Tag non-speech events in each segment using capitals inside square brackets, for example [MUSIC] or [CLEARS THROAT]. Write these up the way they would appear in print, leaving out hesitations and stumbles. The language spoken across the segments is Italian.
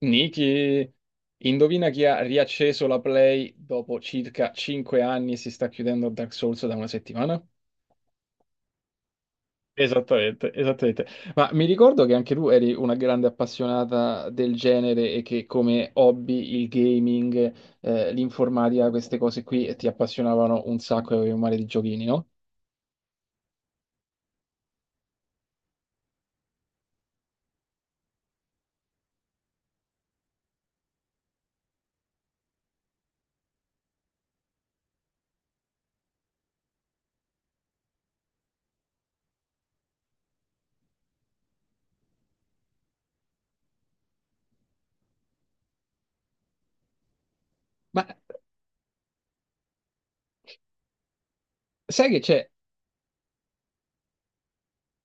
Niki, indovina chi ha riacceso la Play dopo circa 5 anni e si sta chiudendo Dark Souls da una settimana? Esattamente, esattamente. Ma mi ricordo che anche tu eri una grande appassionata del genere e che come hobby il gaming, l'informatica, queste cose qui ti appassionavano un sacco e avevi un mare di giochini, no? Ma sai che c'è?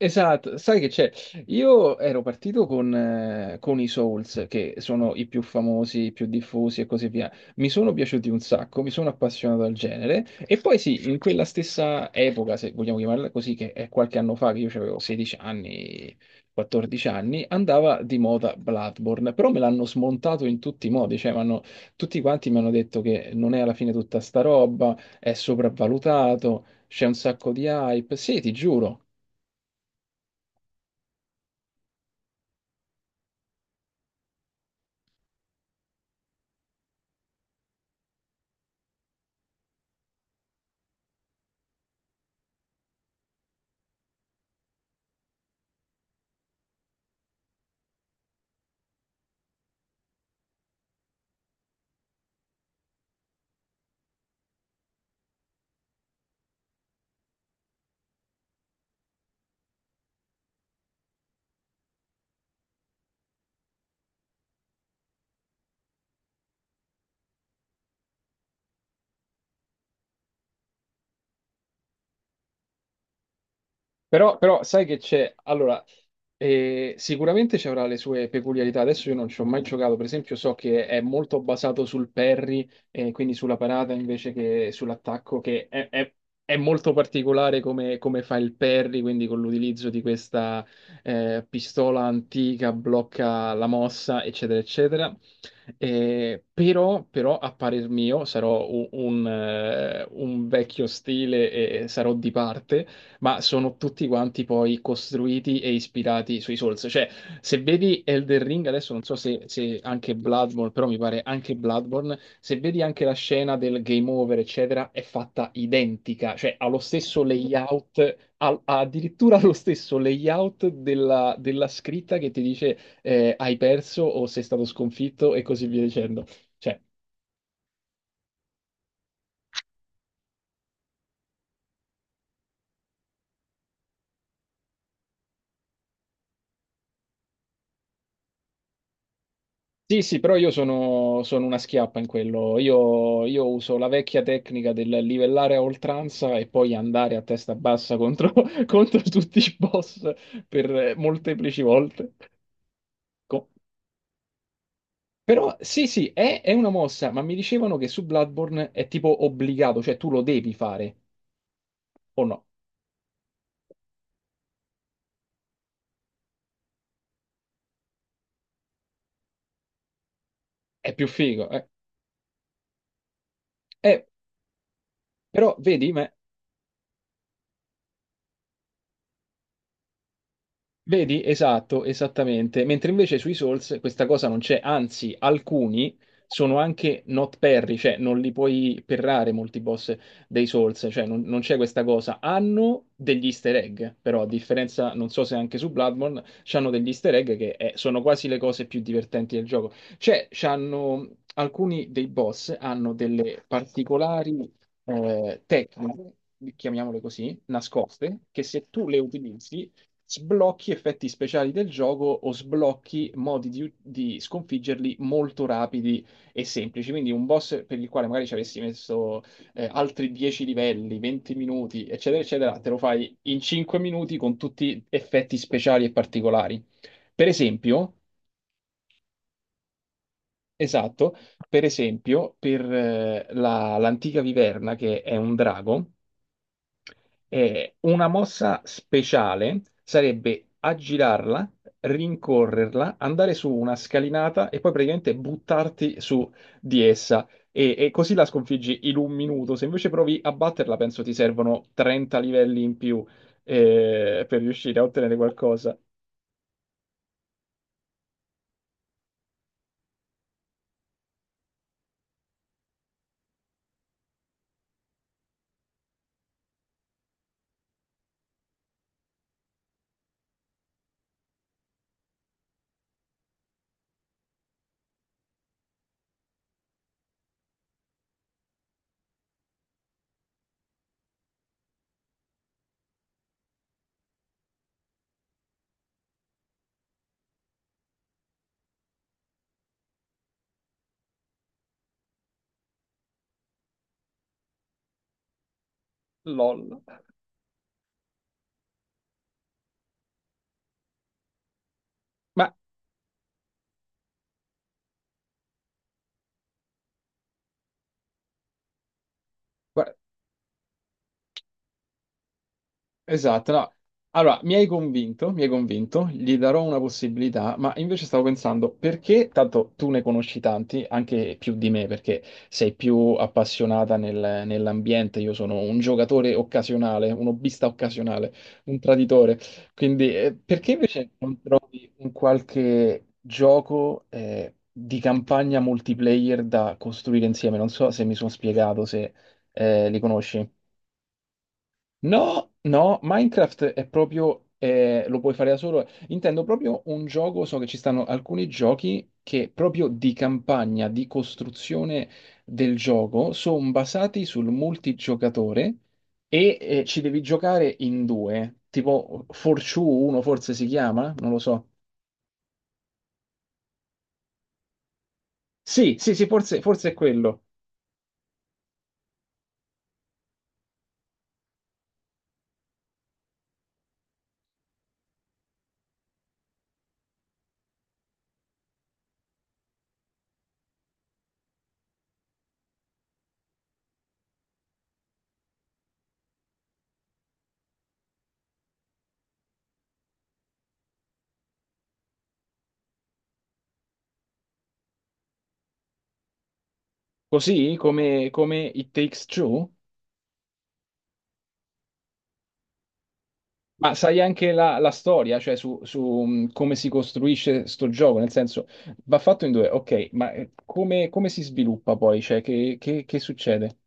Esatto, sai che c'è? Io ero partito con i Souls, che sono i più famosi, i più diffusi e così via. Mi sono piaciuti un sacco, mi sono appassionato al genere. E poi sì, in quella stessa epoca, se vogliamo chiamarla così, che è qualche anno fa, che io avevo 16 anni, 14 anni, andava di moda Bloodborne, però me l'hanno smontato in tutti i modi, cioè tutti quanti mi hanno detto che non è alla fine tutta sta roba, è sopravvalutato, c'è un sacco di hype. Sì, ti giuro. Però, però sai che c'è, allora, sicuramente ci avrà le sue peculiarità. Adesso io non ci ho mai giocato, per esempio, so che è molto basato sul parry, quindi sulla parata invece che sull'attacco, è molto particolare come, come fa il parry, quindi con l'utilizzo di questa pistola antica, blocca la mossa, eccetera, eccetera. Però, però, a parer mio, sarò un vecchio stile e sarò di parte, ma sono tutti quanti poi costruiti e ispirati sui Souls. Cioè, se vedi Elden Ring, adesso non so se, se anche Bloodborne, però mi pare anche Bloodborne, se vedi anche la scena del game over, eccetera, è fatta identica, cioè ha lo stesso layout, ha addirittura lo stesso layout della, della scritta che ti dice hai perso o sei stato sconfitto e così via dicendo. Cioè, sì, sì, però io sono una schiappa in quello. Io uso la vecchia tecnica del livellare a oltranza e poi andare a testa bassa contro, [LAUGHS] contro tutti i boss per molteplici volte. Co- Però sì, sì, è una mossa, ma mi dicevano che su Bloodborne è tipo obbligato, cioè tu lo devi fare, o no? È più figo, eh. Eh, però vedi? Esatto, esattamente. Mentre invece sui Souls questa cosa non c'è, anzi, alcuni sono anche not parry, cioè non li puoi perrare molti boss dei Souls, cioè non, non c'è questa cosa. Hanno degli easter egg, però a differenza, non so se anche su Bloodborne, c'hanno degli easter egg che sono quasi le cose più divertenti del gioco. Cioè, c'hanno, alcuni dei boss hanno delle particolari tecniche, chiamiamole così, nascoste, che se tu le utilizzi sblocchi effetti speciali del gioco o sblocchi modi di sconfiggerli molto rapidi e semplici. Quindi un boss per il quale magari ci avessi messo altri 10 livelli, 20 minuti, eccetera, eccetera, te lo fai in 5 minuti con tutti effetti speciali e particolari. Per esempio, esatto, per esempio, per l'antica viverna, che è un drago, e una mossa speciale sarebbe aggirarla, rincorrerla, andare su una scalinata e poi praticamente buttarti su di essa. E così la sconfiggi in un minuto. Se invece provi a batterla, penso ti servono 30 livelli in più per riuscire a ottenere qualcosa. LOL. Ma guarda, esatto, no. Allora, mi hai convinto, gli darò una possibilità, ma invece stavo pensando perché, tanto tu ne conosci tanti, anche più di me, perché sei più appassionata nell'ambiente, io sono un giocatore occasionale, un hobbista occasionale, un traditore, quindi perché invece non trovi un qualche gioco di campagna multiplayer da costruire insieme? Non so se mi sono spiegato, se li conosci. No, no, Minecraft è proprio, lo puoi fare da solo. Intendo proprio un gioco, so che ci stanno alcuni giochi che proprio di campagna, di costruzione del gioco, sono basati sul multigiocatore e ci devi giocare in due, tipo Fortune 1 forse si chiama, non lo so. Sì, sì, sì, forse, forse è quello. Così come, come It Takes Two? Ma sai anche la, la storia, cioè come si costruisce sto gioco, nel senso va fatto in due, ok, ma come, come si sviluppa poi? Cioè, che succede?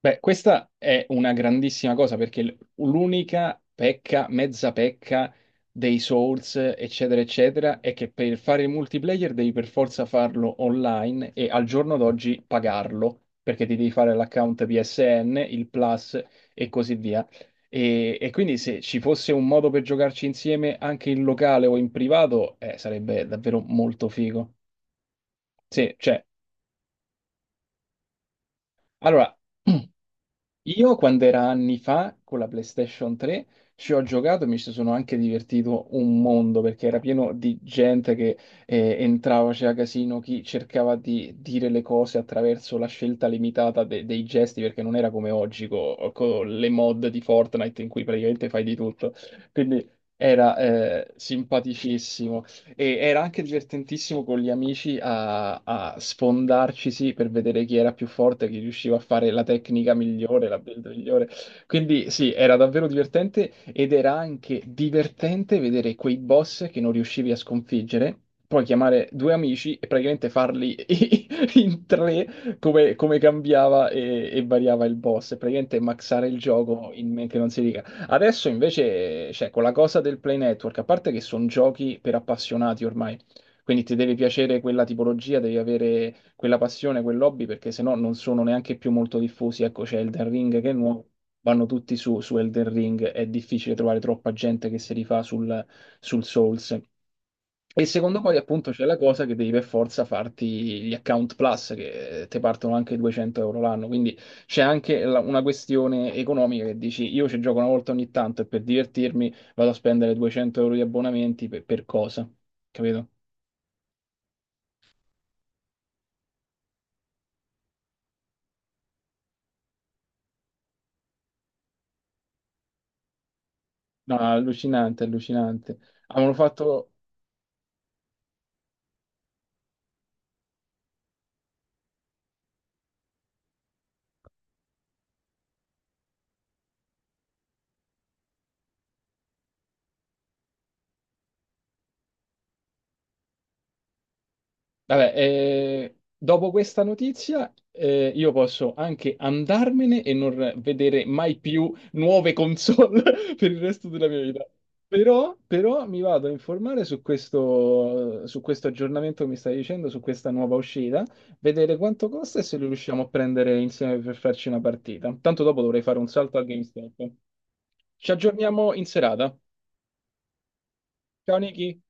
Beh, questa è una grandissima cosa perché l'unica pecca, mezza pecca dei Souls, eccetera, eccetera, è che per fare il multiplayer devi per forza farlo online e al giorno d'oggi pagarlo perché ti devi fare l'account PSN, il Plus e così via. E quindi se ci fosse un modo per giocarci insieme anche in locale o in privato, sarebbe davvero molto figo. Sì, cioè, allora. [CLEARS THROAT] Io quando era anni fa con la PlayStation 3 ci ho giocato e mi ci sono anche divertito un mondo perché era pieno di gente che entrava, c'era casino, chi cercava di dire le cose attraverso la scelta limitata dei gesti perché non era come oggi con le mod di Fortnite in cui praticamente fai di tutto. Quindi era simpaticissimo. E era anche divertentissimo con gli amici a, a sfondarci, sì, per vedere chi era più forte, chi riusciva a fare la tecnica migliore, la build migliore. Quindi sì, era davvero divertente ed era anche divertente vedere quei boss che non riuscivi a sconfiggere, poi chiamare due amici e praticamente farli [LAUGHS] in tre, come, come cambiava e variava il boss, e praticamente maxare il gioco in men che non si dica. Adesso invece, cioè, con la cosa del Play Network, a parte che sono giochi per appassionati ormai, quindi ti deve piacere quella tipologia, devi avere quella passione, quell'hobby, perché sennò non sono neanche più molto diffusi. Ecco, c'è Elden Ring che è nuovo, vanno tutti su, su Elden Ring, è difficile trovare troppa gente che si rifà sul, sul Souls. E secondo poi appunto c'è la cosa che devi per forza farti gli account plus che ti partono anche 200 € l'anno, quindi c'è anche una questione economica che dici io ci gioco una volta ogni tanto e per divertirmi vado a spendere 200 € di abbonamenti per cosa? Capito? No, allucinante, allucinante. Avevano fatto, vabbè, dopo questa notizia, io posso anche andarmene e non vedere mai più nuove console [LAUGHS] per il resto della mia vita. Però, però mi vado a informare su questo aggiornamento che mi stai dicendo, su questa nuova uscita, vedere quanto costa e se lo riusciamo a prendere insieme per farci una partita. Tanto dopo dovrei fare un salto al GameStop. Ci aggiorniamo in serata. Ciao Niki.